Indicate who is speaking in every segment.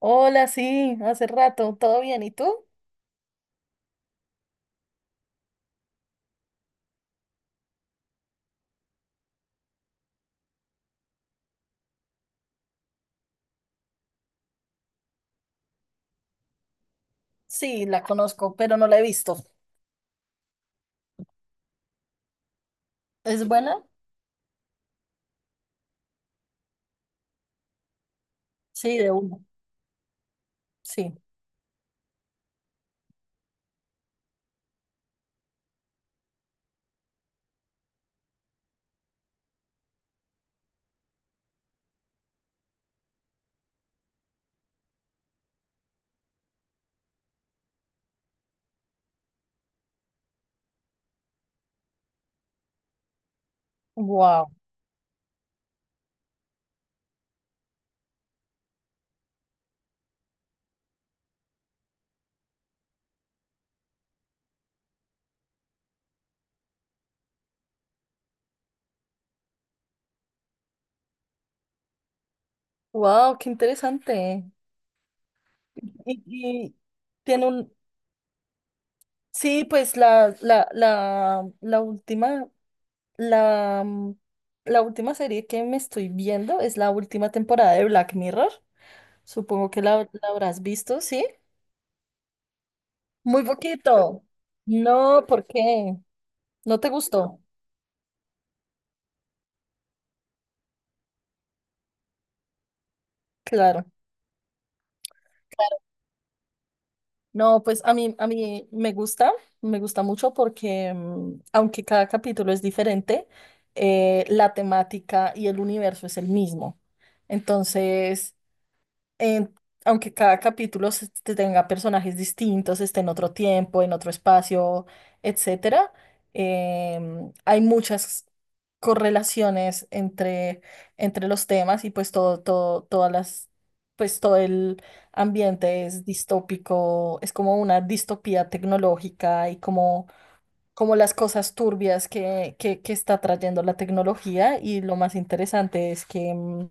Speaker 1: Hola, sí, hace rato, ¿todo bien? ¿Y tú? Sí, la conozco, pero no la he visto. ¿Es buena? Sí, de uno, sí. Wow, wow, qué interesante. Y tiene un, sí, pues la última, la, mm, la última serie que me estoy viendo es la última temporada de Black Mirror. Supongo que la habrás visto, ¿sí? Muy poquito. No, ¿por qué? ¿No te gustó? Claro. No, pues a mí me gusta mucho porque aunque cada capítulo es diferente, la temática y el universo es el mismo. Entonces, en- aunque cada capítulo te tenga personajes distintos, esté en otro tiempo, en otro espacio, etcétera, hay muchas correlaciones entre los temas y pues todas las, pues todo el ambiente es distópico, es como una distopía tecnológica y como las cosas turbias que está trayendo la tecnología y lo más interesante es que,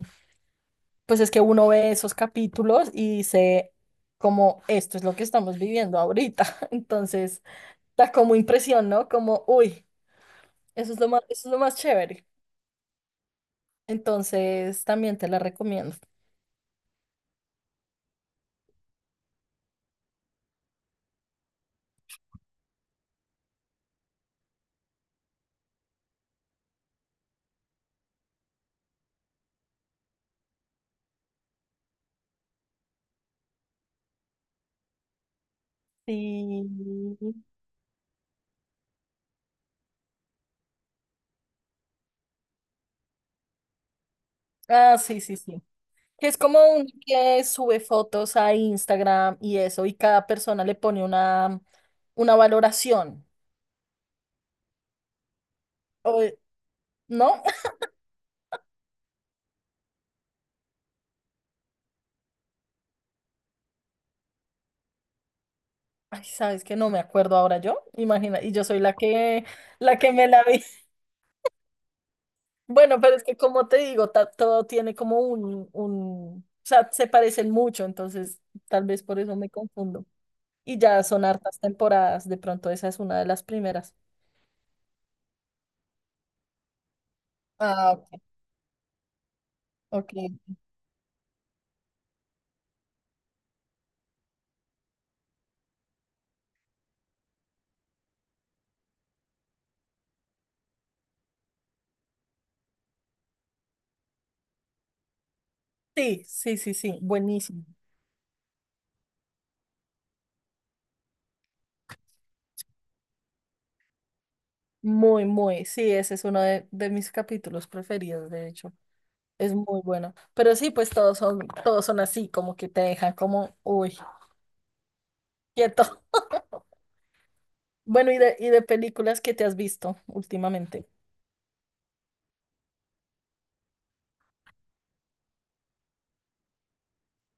Speaker 1: pues es que uno ve esos capítulos y dice como esto es lo que estamos viviendo ahorita. Entonces, da como impresión, ¿no? Como, uy, eso es lo más chévere. Entonces, también te la recomiendo. Sí. Ah, sí, sí, sí. Que es como un que sube fotos a Instagram y eso, y cada persona le pone una valoración. O, ¿no? Ay, sabes que no me acuerdo ahora yo. Imagina, y yo soy la que me la vi. Bueno, pero es que como te digo, todo tiene como un, o sea, se parecen mucho, entonces tal vez por eso me confundo. Y ya son hartas temporadas, de pronto esa es una de las primeras. Ah, ok, ok. Sí, sí, sí, sí, buenísimo. Muy, muy, sí, ese es uno de mis capítulos preferidos, de hecho. Es muy bueno. Pero sí, pues todos son así, como que te dejan como, uy, quieto. Bueno, y de películas que te has visto últimamente.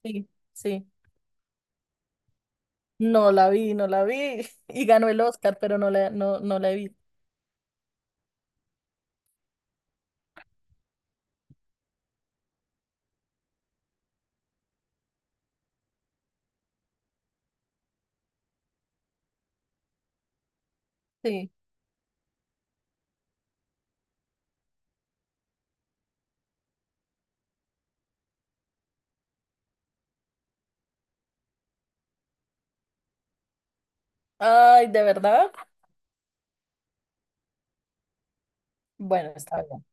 Speaker 1: Sí, sí. No la vi, no la vi. Y ganó el Oscar, pero no la, no, no la he visto. Sí. Ay, ¿de verdad? Bueno, está bien.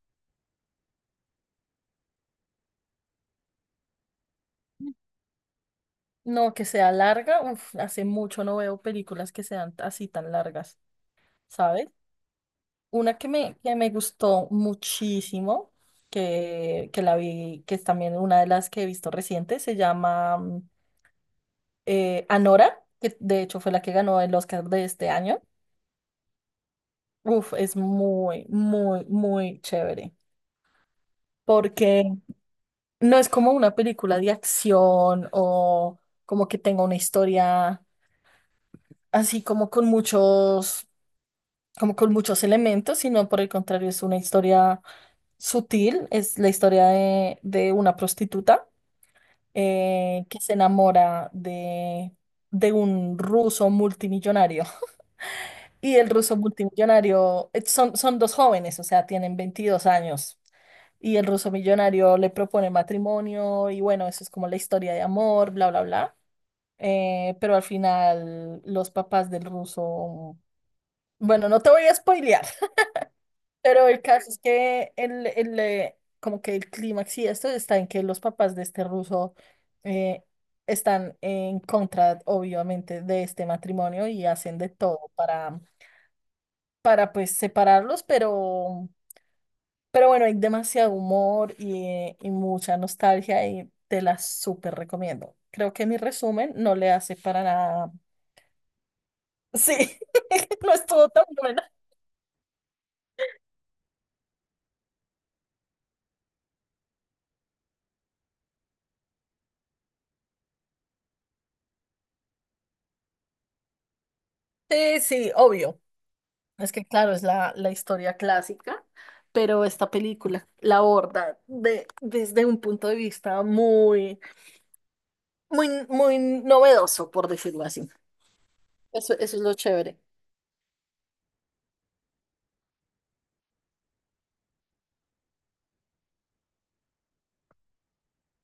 Speaker 1: No, que sea larga. Uf, hace mucho no veo películas que sean así tan largas, ¿sabes? Una que me gustó muchísimo, que la vi, que es también una de las que he visto reciente, se llama Anora, que de hecho fue la que ganó el Oscar de este año. Uf, es muy, muy, muy chévere. Porque no es como una película de acción o como que tenga una historia así como con muchos elementos, sino por el contrario, es una historia sutil, es la historia de una prostituta que se enamora de un ruso multimillonario. Y el ruso multimillonario, son dos jóvenes, o sea, tienen 22 años. Y el ruso millonario le propone matrimonio y bueno, eso es como la historia de amor, bla, bla, bla. Pero al final los papás del ruso, bueno, no te voy a spoilear, pero el caso es que como que el clímax y esto está en que los papás de este ruso eh, están en contra, obviamente, de este matrimonio y hacen de todo para, pues separarlos, pero bueno, hay demasiado humor y mucha nostalgia y te la súper recomiendo. Creo que mi resumen no le hace para nada. Sí, no estuvo tan buena. Sí, sí, obvio. Es que claro, es la historia clásica, pero esta película la aborda desde un punto de vista muy, muy, muy novedoso, por decirlo así. Eso es lo chévere.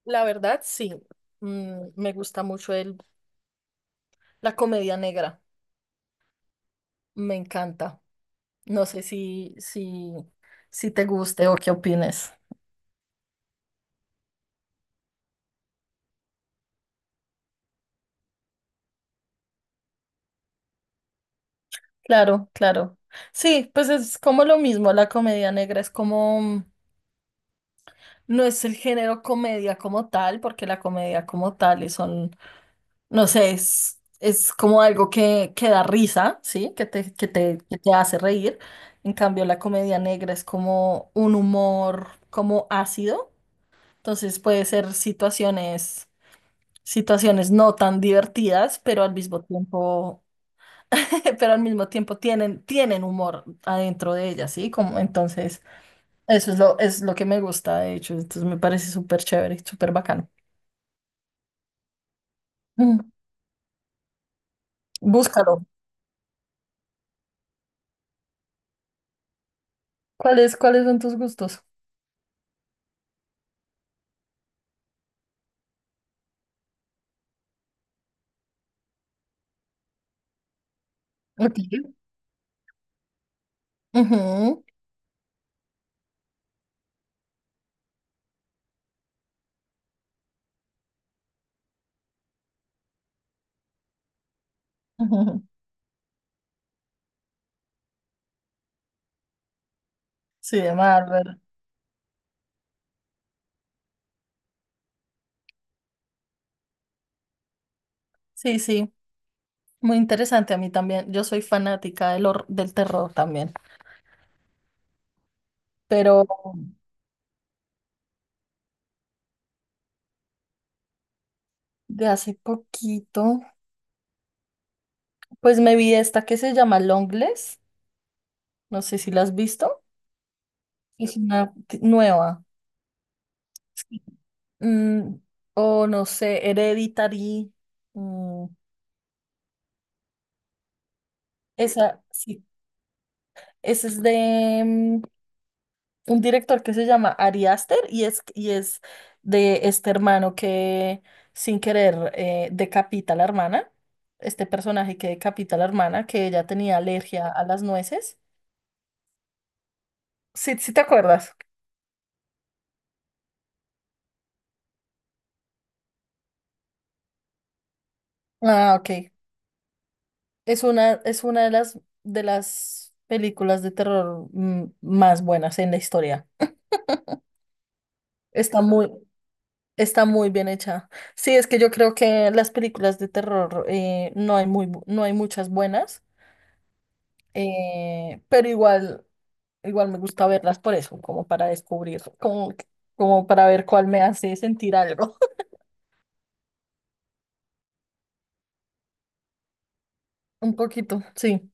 Speaker 1: La verdad, sí. Me gusta mucho la comedia negra. Me encanta. No sé si te guste o qué opines. Claro, claro. Sí, pues es como lo mismo. La comedia negra es como, no es el género comedia como tal, porque la comedia como tal es son, no sé, es como algo que da risa, ¿sí? Que te hace reír. En cambio, la comedia negra es como un humor como ácido. Entonces puede ser situaciones no tan divertidas, pero al mismo tiempo, pero al mismo tiempo tienen humor adentro de ellas, ¿sí? Como, entonces, eso es lo que me gusta, de hecho. Entonces me parece súper chévere, súper bacano. Mm, Búscalo. ¿Cuáles son tus gustos? ¿A ti? Ujú, ujú. Sí, de Marvel. Sí, sí, muy interesante a mí también. Yo soy fanática del terror también, pero de hace poquito, pues me vi esta que se llama Longlegs, no sé si la has visto, es una nueva, sí. Mm, o no sé, Hereditary, mm, esa, sí, esa es de, un director que se llama Ari Aster y es de este hermano que sin querer decapita a la hermana, este personaje que decapita a la hermana, que ella tenía alergia a las nueces. Sí, sí te acuerdas. Ah, ok. Es una de las películas de terror, más buenas en la historia. Está muy, está muy bien hecha. Sí, es que yo creo que las películas de terror, no hay muy, no hay muchas buenas. Pero igual me gusta verlas por eso, como para descubrir, como para ver cuál me hace sentir algo. Un poquito, sí.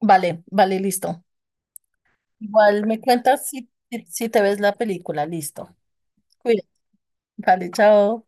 Speaker 1: Vale, vale, listo. Igual me cuentas si te ves la película, listo. Cuida. Vale, chao.